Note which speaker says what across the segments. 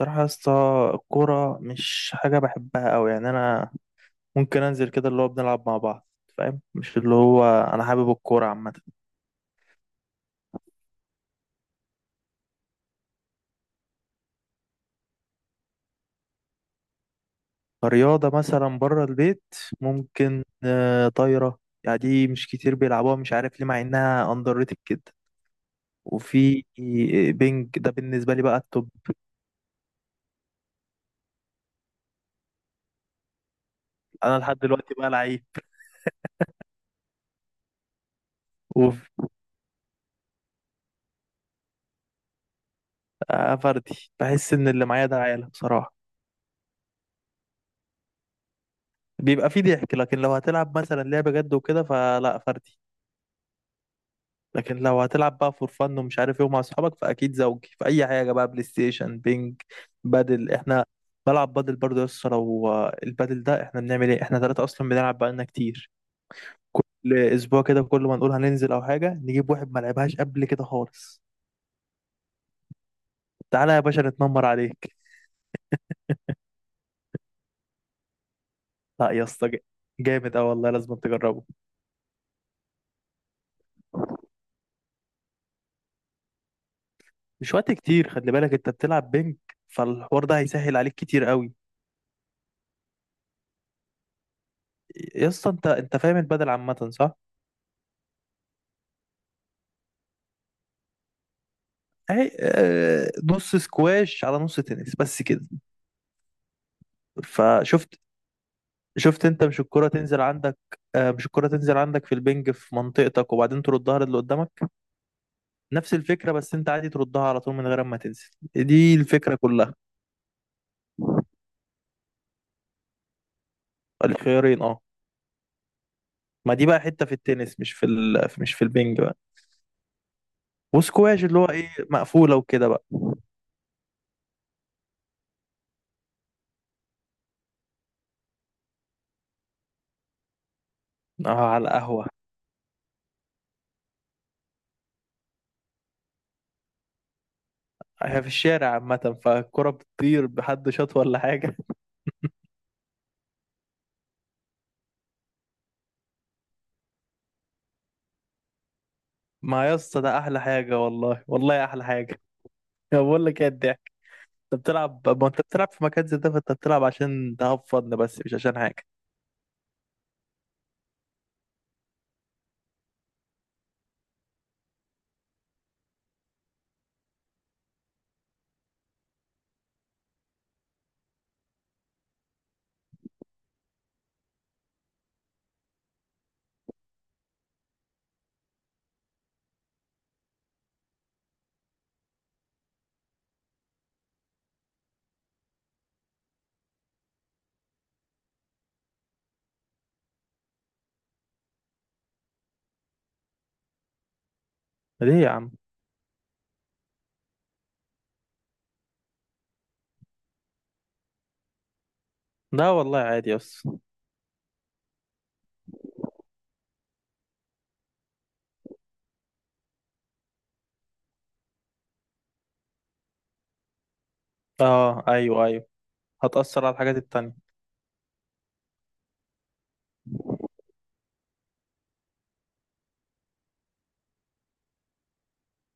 Speaker 1: بصراحة يا اسطى، الكورة مش حاجة بحبها أوي. يعني أنا ممكن أنزل كده اللي هو بنلعب مع بعض، فاهم؟ مش اللي هو أنا حابب الكورة عامة كرياضة. مثلا بره البيت ممكن طايرة. يعني دي مش كتير بيلعبوها، مش عارف ليه، مع إنها أندر ريتد كده. وفي بينج، ده بالنسبة لي بقى التوب. أنا لحد دلوقتي بقى لعيب. وفي فردي، بحس إن اللي معايا ده عيالة بصراحة. بيبقى فيه ضحك، لكن لو هتلعب مثلا لعبة جد وكده فلا، فردي. لكن لو هتلعب بقى فور فن ومش عارف ايه ومع اصحابك، فاكيد زوجي. في اي حاجه بقى، بلاي ستيشن، بينج، بادل. احنا بلعب بادل برضه يا اسطى. لو البادل ده، احنا بنعمل ايه، احنا ثلاثه اصلا بنلعب بقالنا كتير. كل اسبوع كده، كل ما نقول هننزل او حاجه، نجيب واحد ما لعبهاش قبل كده خالص. تعالى يا باشا نتنمر عليك. لا يا اسطى، جامد اه والله، لازم تجربه. مش وقت كتير، خلي بالك انت بتلعب بينج، فالحوار ده هيسهل عليك كتير قوي. يا اسطى، انت انت فاهم البادل عامه، صح؟ اهي نص سكواش على نص تنس بس كده. فشفت انت؟ مش الكرة تنزل عندك؟ مش الكرة تنزل عندك في البنج، في منطقتك، وبعدين تردها للي قدامك. نفس الفكرة، بس انت عادي تردها على طول من غير ما تنزل. دي الفكرة كلها. الخيارين، اه. ما دي بقى حتة في التنس، مش في البنج بقى. وسكواش اللي هو ايه، مقفولة وكده بقى. اه، على القهوة. هي في الشارع عامة، فالكرة بتطير بحد شاط ولا حاجة. ما يا اسطى ده أحلى حاجة، والله والله أحلى حاجة. بقول لك ايه، انت بتلعب، ما انت بتلعب في مكان زي ده، فانت بتلعب عشان تهفضنا بس، مش عشان حاجة. ليه يا عم؟ لا والله عادي، بس. اه ايوه ايوه، هتأثر على الحاجات التانية.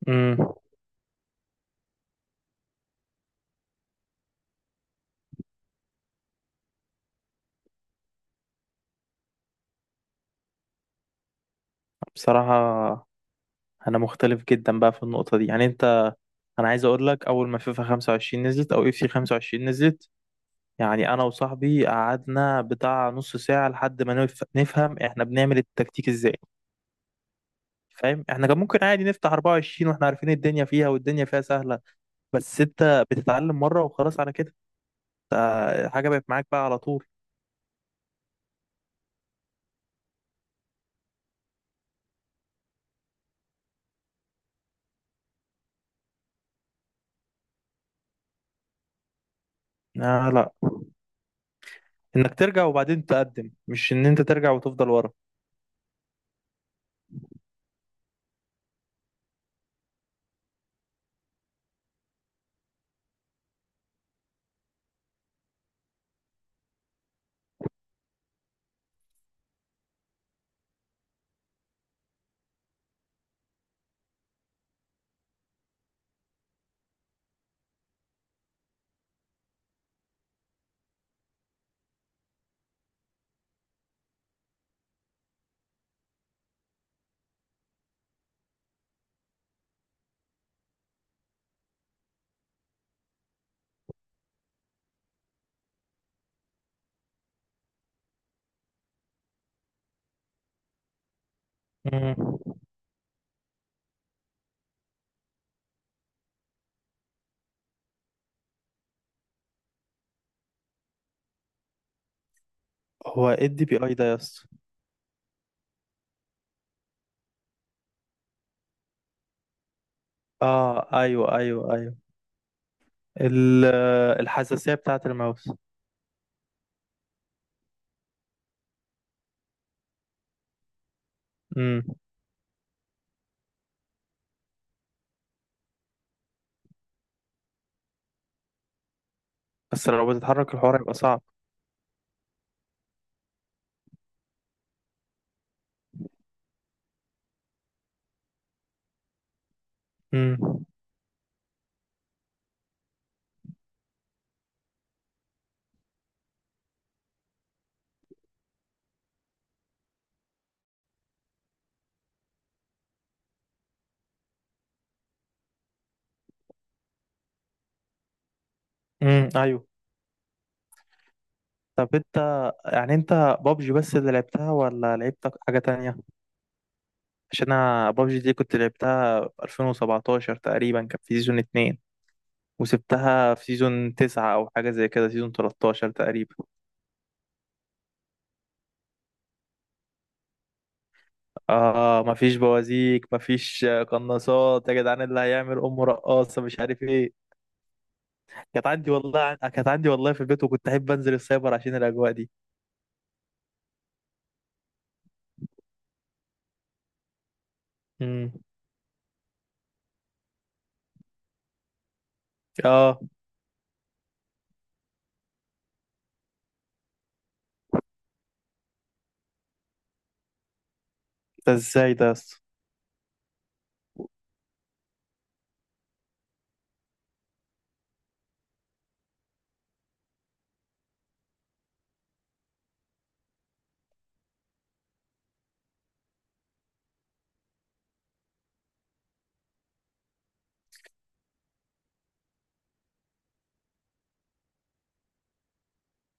Speaker 1: امم. بصراحة انا مختلف جدا بقى في النقطة دي. يعني انت، انا عايز اقول لك، اول ما فيفا 25 نزلت او اف سي 25 نزلت، يعني انا وصاحبي قعدنا بتاع نص ساعة لحد ما نفهم احنا بنعمل التكتيك ازاي. فاهم؟ احنا كان ممكن عادي نفتح 24 واحنا عارفين الدنيا فيها والدنيا فيها سهلة. بس انت بتتعلم مرة وخلاص على كده، حاجة بقت معاك بقى على طول. آه لا، انك ترجع وبعدين تقدم، مش ان انت ترجع وتفضل ورا. مم. هو ايه الدي بي اي ده يا اسطى؟ اه ايوه ايوه ايوه. ال- الحساسية بتاعة الماوس. امم، بس لو بتتحرك الحوار هيبقى صعب. امم. ايوه. طب انت، يعني انت، بابجي بس اللي لعبتها ولا لعبت حاجة تانية؟ عشان انا بابجي دي كنت لعبتها في 2017 تقريبا، كان في سيزون 2، وسبتها في سيزون تسعة أو حاجة زي كده، سيزون 13 تقريبا. آه مفيش بوازيك، مفيش قناصات، يا جدعان اللي هيعمل أمه رقاصة مش عارف إيه. كانت عندي والله، كانت عندي والله في البيت، وكنت أحب أنزل السايبر عشان الأجواء دي. امم. آه. ده إزاي ده يا اسطى؟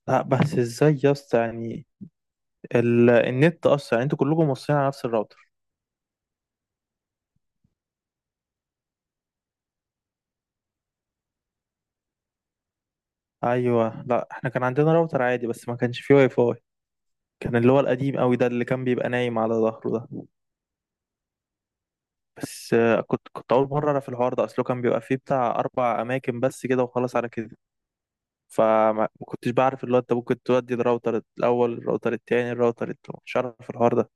Speaker 1: لا بس إزاي يا اسطى يعني النت أصلا؟ يعني أنتوا كلكم موصلين على نفس الراوتر؟ أيوه، لا إحنا كان عندنا راوتر عادي، بس ما كانش فيه واي فاي. كان اللي هو القديم قوي ده، اللي كان بيبقى نايم على ظهره ده. بس كنت اول مره اعرف الحوار ده، اصله كان بيبقى فيه بتاع اربع اماكن بس كده، وخلاص على كده. فما ما كنتش بعرف اللي هو انت ممكن تودي الراوتر الاول، الراوتر التاني، الراوتر التالت، مش عارف الحوار ده.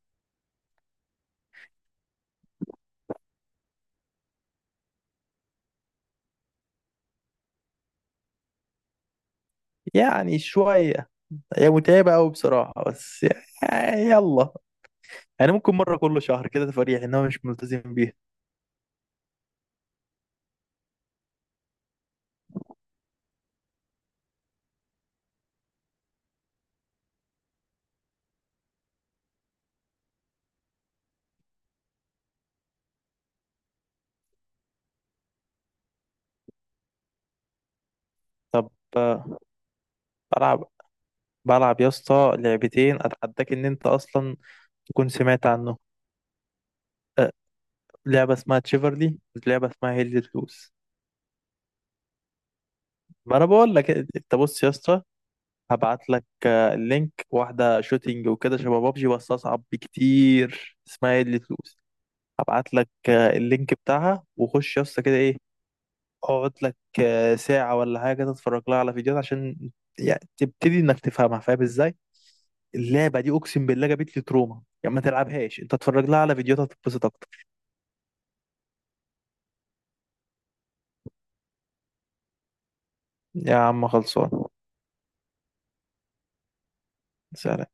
Speaker 1: يعني شويه، هي متعبه قوي بصراحه، بس يعني يلا. يعني ممكن مره كل شهر كده، تفريح ان هو مش ملتزم بيها. طب آه، بلعب بلعب يا اسطى لعبتين، اتحداك ان انت اصلا تكون سمعت عنه. آه، لعبه اسمها تشيفرلي، لعبه اسمها هيل لوز. ما انا بقول لك، انت بص يا اسطى، هبعت لك اللينك. واحدة شوتينج وكده، شبه بابجي بس أصعب بكتير، اسمها ايه اللي تلوز. هبعت لك اللينك بتاعها، وخش يا اسطى كده ايه، اقعد لك ساعة ولا حاجة تتفرج لها على فيديوهات عشان يعني تبتدي انك تفهمها، فاهم ازاي؟ اللعبة دي اقسم بالله جابت لي تروما، يعني ما تلعبهاش، انت اتفرج لها على فيديوهات هتتبسط اكتر. يا عم خلصان. سلام.